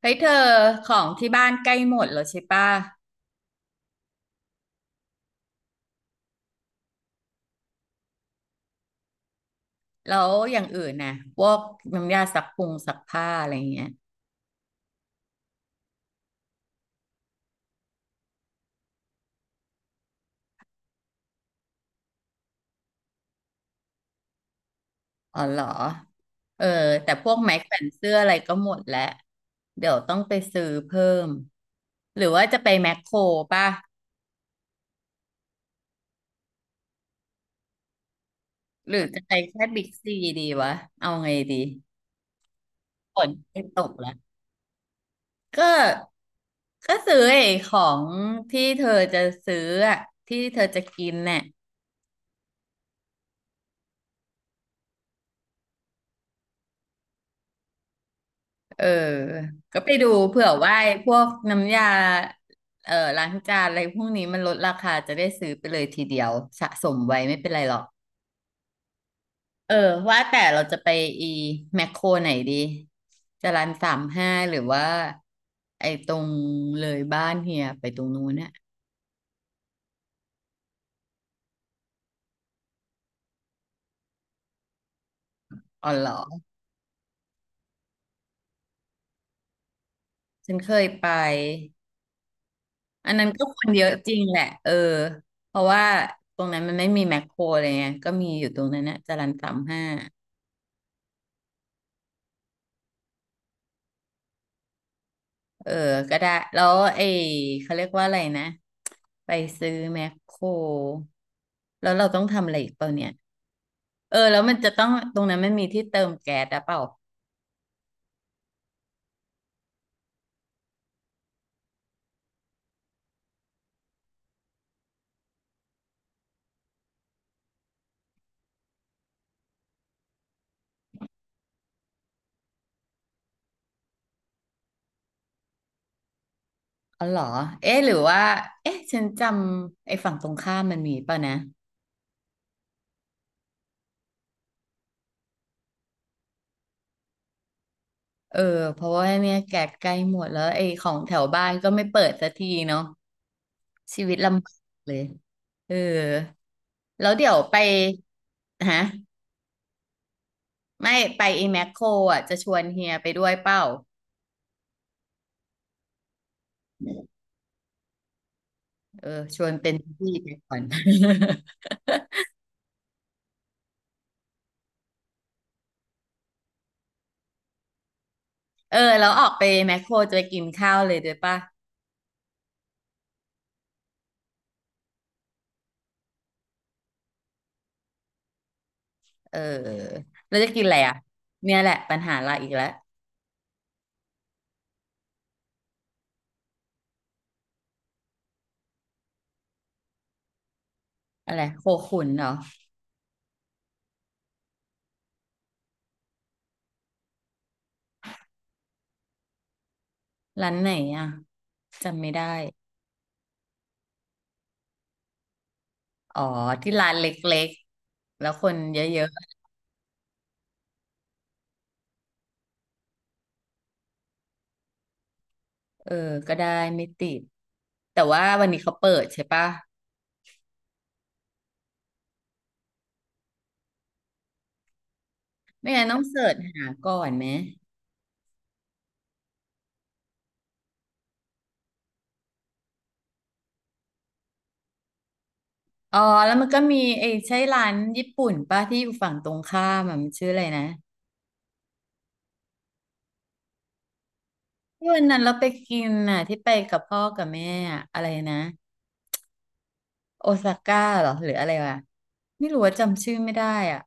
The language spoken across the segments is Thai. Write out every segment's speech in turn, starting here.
เฮ้ยเธอของที่บ้านใกล้หมดแล้วใช่ป่ะแล้วอย่างอื่นน่ะพวกน้ำยาซักผงซักผ้าอะไรเงี้ยอ๋อเหรอเออแต่พวกไม้แขวนเสื้ออะไรก็หมดแล้วเดี๋ยวต้องไปซื้อเพิ่มหรือว่าจะไปแมคโครป่ะหรือจะไปแค่บิ๊กซีดีวะเอาไงดีฝนจะตกแล้วก็ก็ซื้อไอ้ของที่เธอจะซื้ออะที่เธอจะกินน่ะ เออก็ไปดูเผื่อว่าไอ้พวกน้ำยาเออล้างจานอะไรพวกนี้มันลดราคาจะได้ซื้อไปเลยทีเดียวสะสมไว้ไม่เป็นไรหรอกเออว่าแต่เราจะไปอีแมคโครไหนดีจะร้านสามห้าหรือว่าไอ้ตรงเลยบ้านเฮียไปตรงนู้นน่ะอ๋อเหรอ ฉันเคยไป อันนั้นก็คนเยอะจริงแหละเออเพราะว่าตรงนั้นมันไม่มีแมคโครอะไรเงี้ยก็มีอยู่ตรงนั้นนะจรัญ 35 เออก็ได้แล้วไอ้เขาเรียกว่าอะไรนะไปซื้อแมคโครแล้วเราต้องทำอะไรอีกเปล่าเนี่ยเออแล้วมันจะต้องตรงนั้นมันมีที่เติมแก๊สหรือเปล่าอ๋อเหรอเอ๊ะหรือว่าเอ๊ะฉันจำไอ้ฝั่งตรงข้ามมันมีเปล่านะเออเพราะว่าเนี่ยแก๊สใกล้หมดแล้วไอ้ของแถวบ้านก็ไม่เปิดสักทีเนาะชีวิตลำบากเลยเออแล้วเดี๋ยวไปฮะไม่ไปไอ้แมคโครอ่ะจะชวนเฮียไปด้วยเปล่า เออชวนเป็นพี่ไปก่อน เออแล้วออกไปแมคโครจะไปกินข้าวเลยด้วยป่ะเออแล้วจะกินอะไรอ่ะเนี่ยแหละปัญหาเราอีกแล้วอะไรโคขุนเหรอร้านไหนอ่ะจำไม่ได้อ๋อที่ร้านเล็กๆแล้วคนเยอะๆเออก็ได้ไม่ติดแต่ว่าวันนี้เขาเปิดใช่ป่ะไม่งั้นต้องเสิร์ชหาก่อนไหมอ๋อแล้วมันก็มีไอ้ใช่ร้านญี่ปุ่นป่ะที่อยู่ฝั่งตรงข้ามอะมันชื่ออะไรนะ ที่วันนั้นเราไปกินน่ะที่ไปกับพ่อกับแม่อะอะไรนะโอซาก้าเหรอหรืออะไรวะไม่รู้ว่าจำชื่อไม่ได้อ่ะ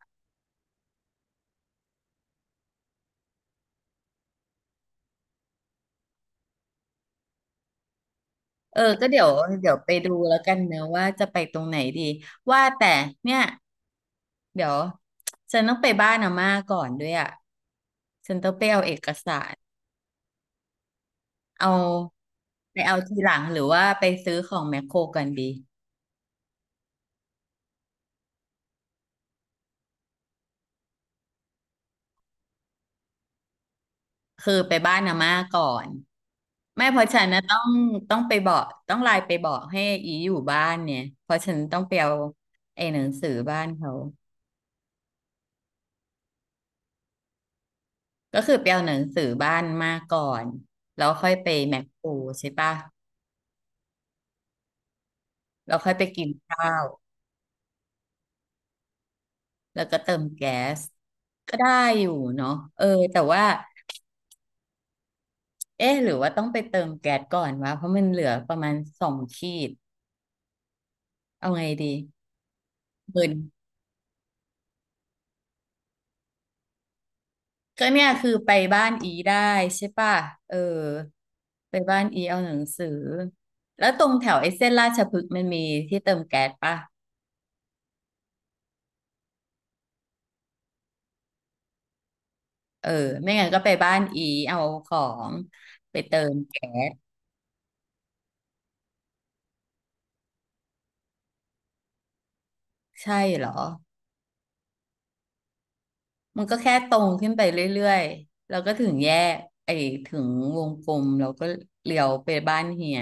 เออก็เดี๋ยวเดี๋ยวไปดูแล้วกันเนอะว่าจะไปตรงไหนดีว่าแต่เนี่ยเดี๋ยวฉันต้องไปบ้านอาม่าก่อนด้วยอ่ะฉันต้องไปเอาเอกสารเอาไปเอาทีหลังหรือว่าไปซื้อของแมคโครกันดี คือไปบ้านอาม่าก่อนไม่เพราะฉันนะต้องไปบอกต้องไลน์ไปบอกให้อีอยู่บ้านเนี่ยเพราะฉันต้องไปเอาไอ้หนังสือบ้านเขาก็คือไปเอาหนังสือบ้านมาก่อนแล้วค่อยไปแมคโครใช่ปะแล้วค่อยไปกินข้าวแล้วก็เติมแก๊สก็ได้อยู่เนาะเออแต่ว่าเอ๊ะหรือว่าต้องไปเติมแก๊สก่อนวะเพราะมันเหลือประมาณสองขีดเอาไงดีหมื่น ก็เนี่ยคือไปบ้านอีได้ใช่ป่ะเออไปบ้านอีเอาหนังสือแล้วตรงแถวไอ้เส้นราชพฤกษ์มันมีที่เติมแก๊สป่ะเออไม่งั้นก็ไปบ้านอีเอาของไปเติมแก๊สใช่เหรอมันก็แค่ตรงขึ้นไปเรื่อยๆแล้วก็ถึงแยกไอ้ถึงวงกลมแล้วก็เลี้ยวไปบ้านเฮีย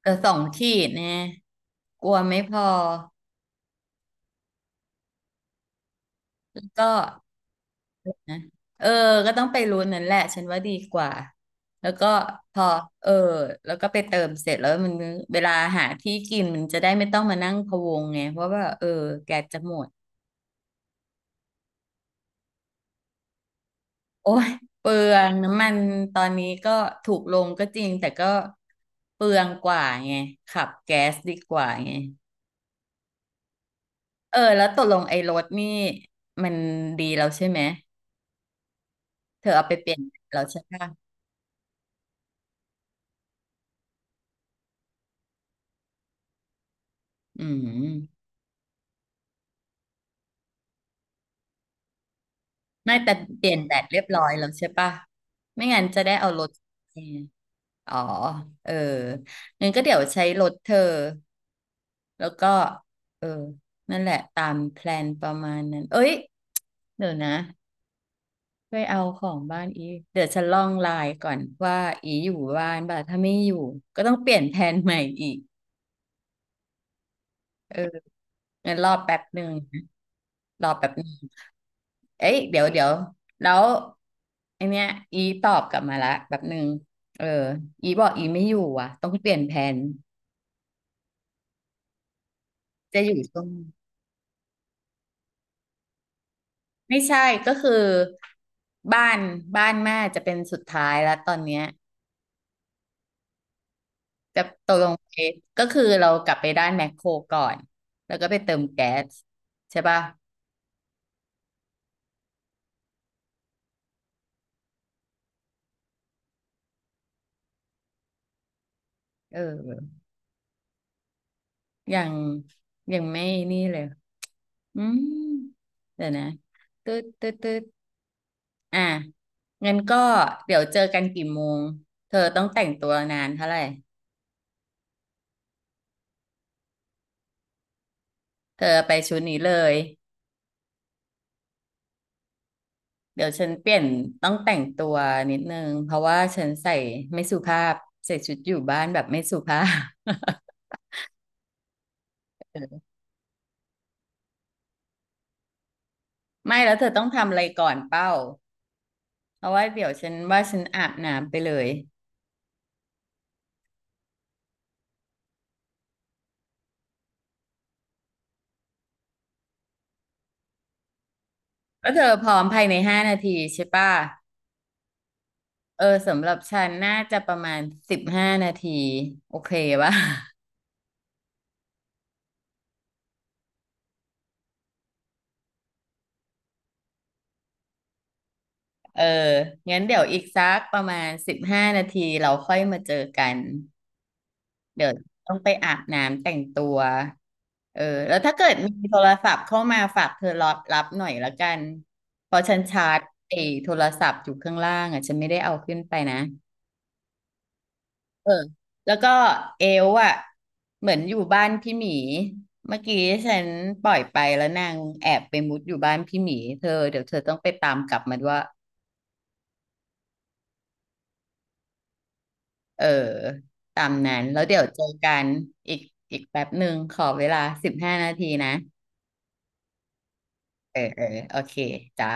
แต่สองขีดแน่กลัวไม่พอแล้วก็ นะเออก็ต้องไปรู้นั่นแหละฉันว่าดีกว่า แล้วก็พอเออแล้วก็ไปเติมเสร็จแล้วมันเวลาหาที่กินมันจะได้ไม่ต้องมานั่งพะวงไง เพราะว่าเออแกสจะหมดโอ้ยเปลืองน้ำมันตอนนี้ก็ถูกลงก็จริงแต่ก็เปลืองกว่าไงขับแก๊สดีกว่าไงเออแล้วตกลงไอ้รถนี่มันดีแล้วใช่ไหม เธอเอาไปเปลี่ยนแล้วใช่ปะอืม ไม่แต่เปลี่ยนแบตเรียบร้อยแล้วใช่ปะไม่งั้นจะได้เอารถเอออ๋อเอองั้นก็เดี๋ยวใช้รถเธอแล้วก็เออนั่นแหละตามแพลนประมาณนั้นเอ้ยเดี๋ยวนะไปเอาของบ้านอีเดี๋ยวฉันลองไลน์ก่อนว่าอีอยู่บ้านบ่าถ้าไม่อยู่ก็ต้องเปลี่ยนแผนใหม่อีกเอองั้นรอแป๊บหนึ่งนะรอแป๊บหนึ่ง เอ้ยเดี๋ยวเดี๋ยวแล้วไอเนี้ยอีตอบกลับมาละแบบหนึ่งเอออีบอกอีไม่อยู่อ่ะต้องเปลี่ยนแผนจะอยู่ช่วงไม่ใช่ก็คือบ้านบ้านแม่จะเป็นสุดท้ายแล้วตอนเนี้ยจะตกลงไปก็คือเรากลับไปด้านแมคโครก่อนแล้วก็ไปเติมแก๊สใช่ป่ะเออยังยังไม่นี่เลยอืมเดี๋ยวนะตึ๊ดตึ๊ดตึ๊ด อ่ะงั้นก็เดี๋ยวเจอกันกี่โมงเธอต้องแต่งตัวนานเท่าไหร่เธอไปชุดนี้เลยเดี๋ยวฉันเปลี่ยนต้องแต่งตัวนิดนึงเพราะว่าฉันใส่ไม่สุภาพใส่ชุดอยู่บ้านแบบไม่สุภาพ ไม่แล้วเธอต้องทำอะไรก่อนเป้าเพราะว่าเดี๋ยวฉันว่าฉันอาบน้ำไปเลยแล้วเธอพร้อมภายในห้านาทีใช่ป่ะเออสำหรับฉันน่าจะประมาณสิบห้านาทีโอเคป่ะ เอองั้นเดี๋ยวอีกสักประมาณสิบห้านาทีเราค่อยมาเจอกัน เดี๋ยวต้องไปอาบน้ำแต่งตัวเออแล้วถ้าเกิดมีโทรศัพท์เข้ามาฝากเธอรับรับหน่อยละกันเพราะฉันชาร์จไอ้โทรศัพท์อยู่ข้างล่างอ่ะฉันไม่ได้เอาขึ้นไปนะ เออ แล้วก็เอลอ่ะเหมือนอยู่บ้านพี่หมี เมื่อกี้ฉันปล่อยไปแล้วนางแอบไปมุดอยู่บ้านพี่หมีเธอเดี๋ยวเธอต้องไปตามกลับมาด้วย เออตามนั้นแล้วเดี๋ยวเจอกันอีกอีกแป๊บหนึ่งขอเวลาสิบห้านาทีนะเออเออโอเคจ้า